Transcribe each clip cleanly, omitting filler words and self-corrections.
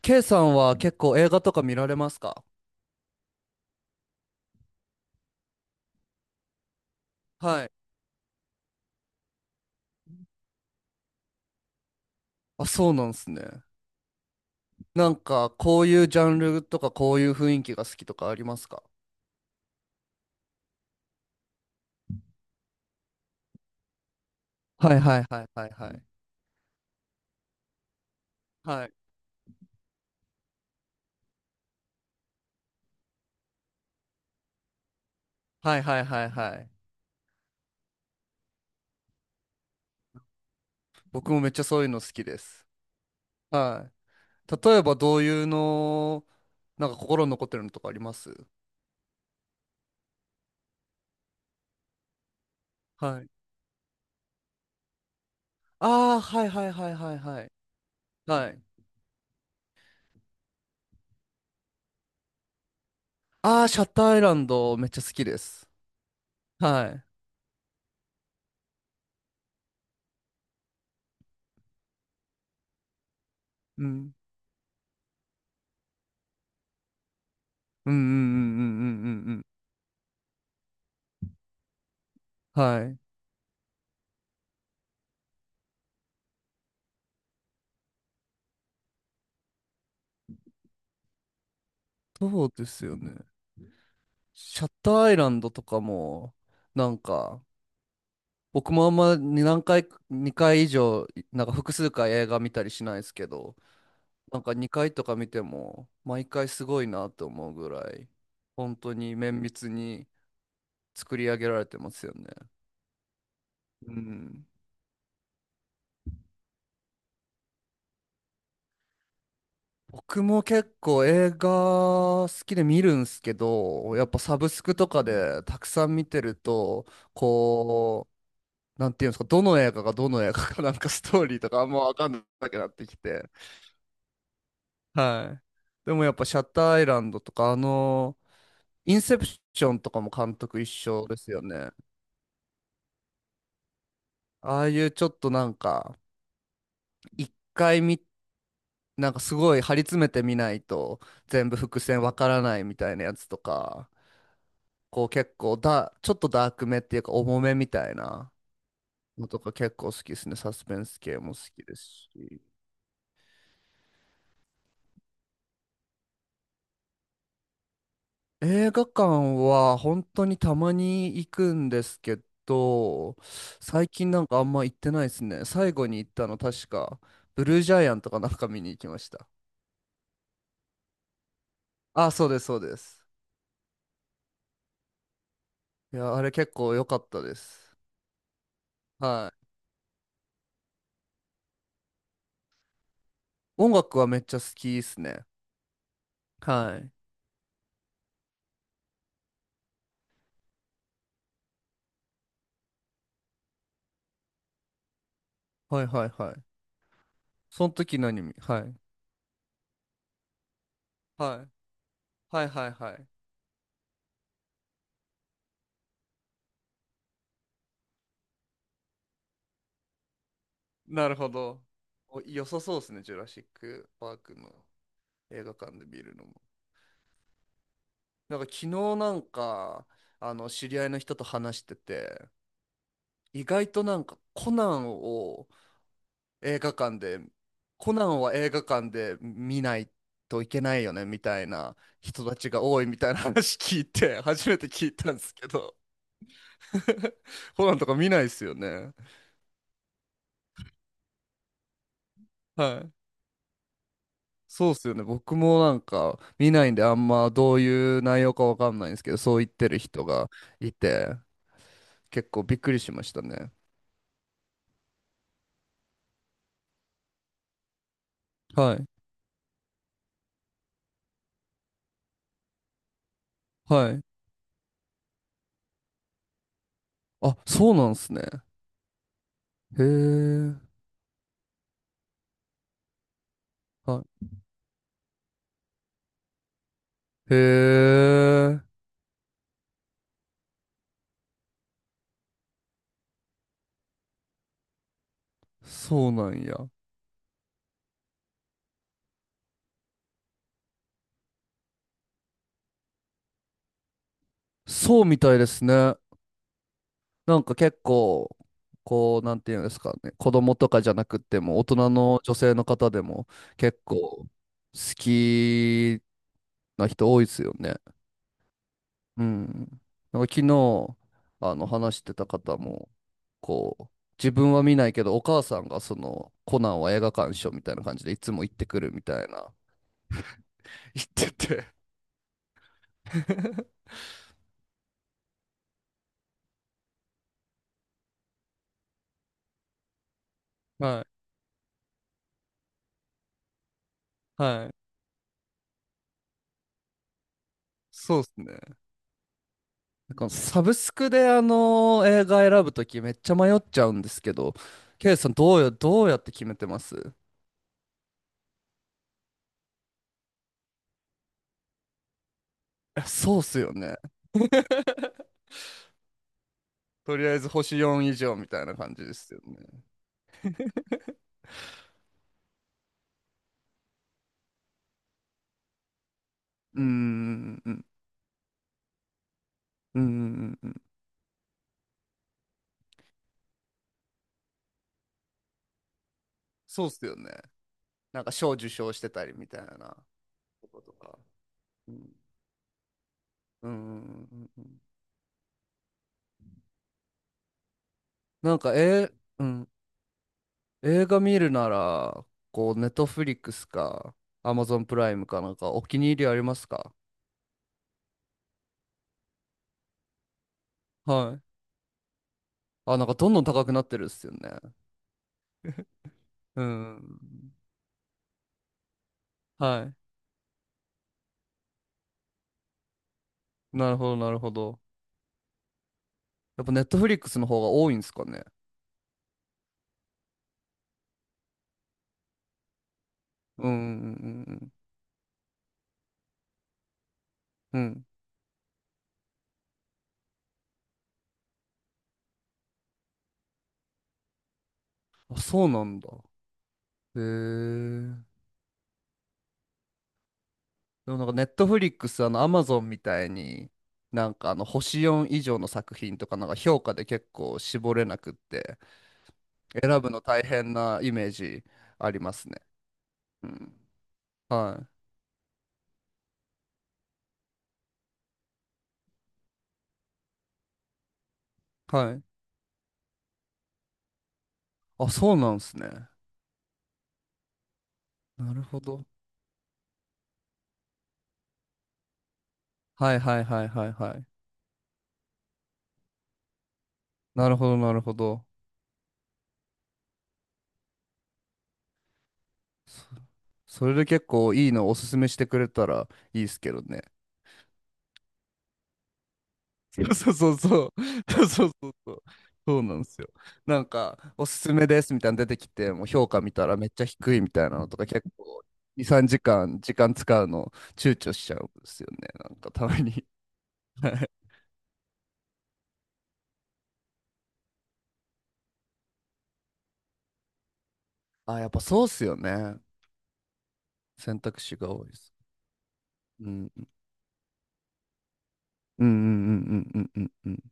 K さんは結構映画とか見られますか？はい。あ、そうなんですね。なんか、こういうジャンルとか、こういう雰囲気が好きとかありますか？はいはいはいはいはい。はい。はいはいはいはい。僕もめっちゃそういうの好きです。はい。例えば、どういうの、なんか心に残ってるのとかあります？はい。ああ、はいはいはいはいはい。はい。ああ、シャッターアイランドめっちゃ好きです。はい。うん。うんうんうんうんうんうんうん。はい。そうですよね。シャッターアイランドとかも、なんか、僕もあんまに何回、2回以上、なんか複数回映画見たりしないですけど、なんか2回とか見ても、毎回すごいなと思うぐらい、本当に綿密に作り上げられてますよね。うん。僕も結構映画好きで見るんすけど、やっぱサブスクとかでたくさん見てると、こう、なんていうんですか、どの映画がどの映画かなんかストーリーとかあんまわかんなくなってきて。はい。でもやっぱシャッターアイランドとか、インセプションとかも監督一緒ですよね。ああいうちょっとなんか、一回見、なんかすごい張り詰めてみないと全部伏線わからないみたいなやつとか、こう結構だ、ちょっとダークめっていうか重めみたいなのとか結構好きですね。サスペンス系も好きですし。映画館は本当にたまに行くんですけど、最近なんかあんま行ってないですね。最後に行ったの確か、ブルージャイアンとかなんか見に行きました。あ、そうです、そうです。いや、あれ結構良かったです。はい。音楽はめっちゃ好きですね。はい。はいはいはい。その時何見、はい。はい。はいはいはい。なるほど。お、良さそうですね、ジュラシック・パークの映画館で見るのも。なんか昨日なんか、知り合いの人と話してて、意外となんか映画館で、コナンは映画館で見ないといけないよね、みたいな人たちが多いみたいな話聞いて、初めて聞いたんですけど、コナンとか見ないですよね。はい。そうっすよね。僕もなんか見ないんであんまどういう内容かわかんないんですけど、そう言ってる人がいて、結構びっくりしましたね。はい。はい。あ、そうなんすね。へえ。はい。へえ。そうなんや。そうみたいですね。なんか結構、こう、なんていうんですかね。子供とかじゃなくても、大人の女性の方でも結構好きな人多いですよね。うん。なんか昨日、話してた方も、こう、自分は見ないけど、お母さんがコナンは映画鑑賞みたいな感じでいつも行ってくるみたいな。行ってて。はい。はい。そうですね。なんかサブスクであの映画選ぶときめっちゃ迷っちゃうんですけど、ケイさんどうやって決めてます？え、そうっすよね。とりあえず星4以上みたいな感じですよね。うーん、うん、うん、うん、うん。そうっすよね。なんか賞受賞してたりみたいなとことか。うん、うん、うんうんうん。なんか、うん、映画見るなら、こう、ネットフリックスか、アマゾンプライムかなんか、お気に入りありますか？はい。あ、なんかどんどん高くなってるっすよね。うん。はい。なるほど、なるほど。やっぱネットフリックスの方が多いんですかね。うん、うん、うん。うん。あ、そうなんだ。へえ。でもなんかネットフリックス、アマゾンみたいに、なんか星4以上の作品とか、なんか評価で結構絞れなくって、選ぶの大変なイメージありますね。うん。はい。はい。あ、そうなんですね。なるほど。はいはいはいはいはい。なるほどなるほど。そ、それで結構いいのおすすめしてくれたらいいですけどね。そうそうそうそう。そうそうそう。そうなんですよ。なんか、おすすめですみたいなの出てきて、もう評価見たらめっちゃ低いみたいなのとか結構2、3時間使うの躊躇しちゃうんですよね。なんかたまに。はい。あ、やっぱそうっすよね。選択肢が多いです。うんうんうんうんうんうんうんうん。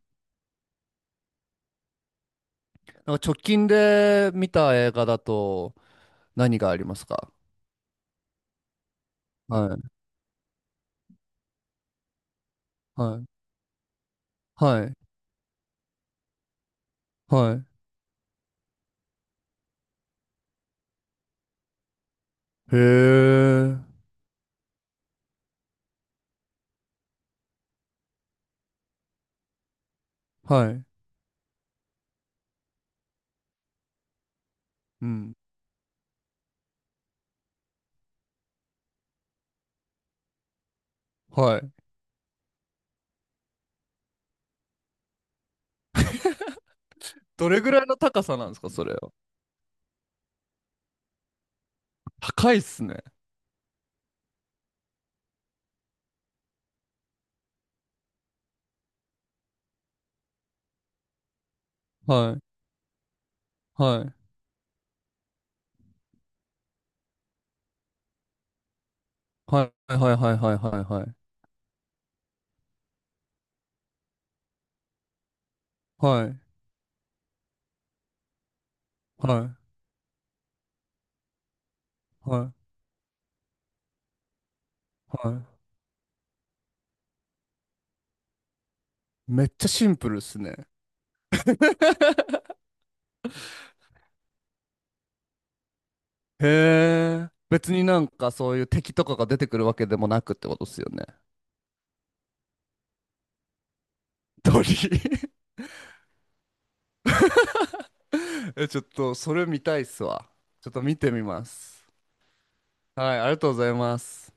なんか直近で見た映画だと何がありますか？はい。はい。はい。はい。へえ。はい。うん。はい。どれぐらいの高さなんですか、それは。高いっすね。はい。はい。はいはいはいはいはいはい。はい。はいはいはい。めっちゃシンプルっすね。へえ。別になんかそういう敵とかが出てくるわけでもなくってことっすよね。鳥。え、ちょっと、それ見たいっすわ。ちょっと見てみます。はい、ありがとうございます。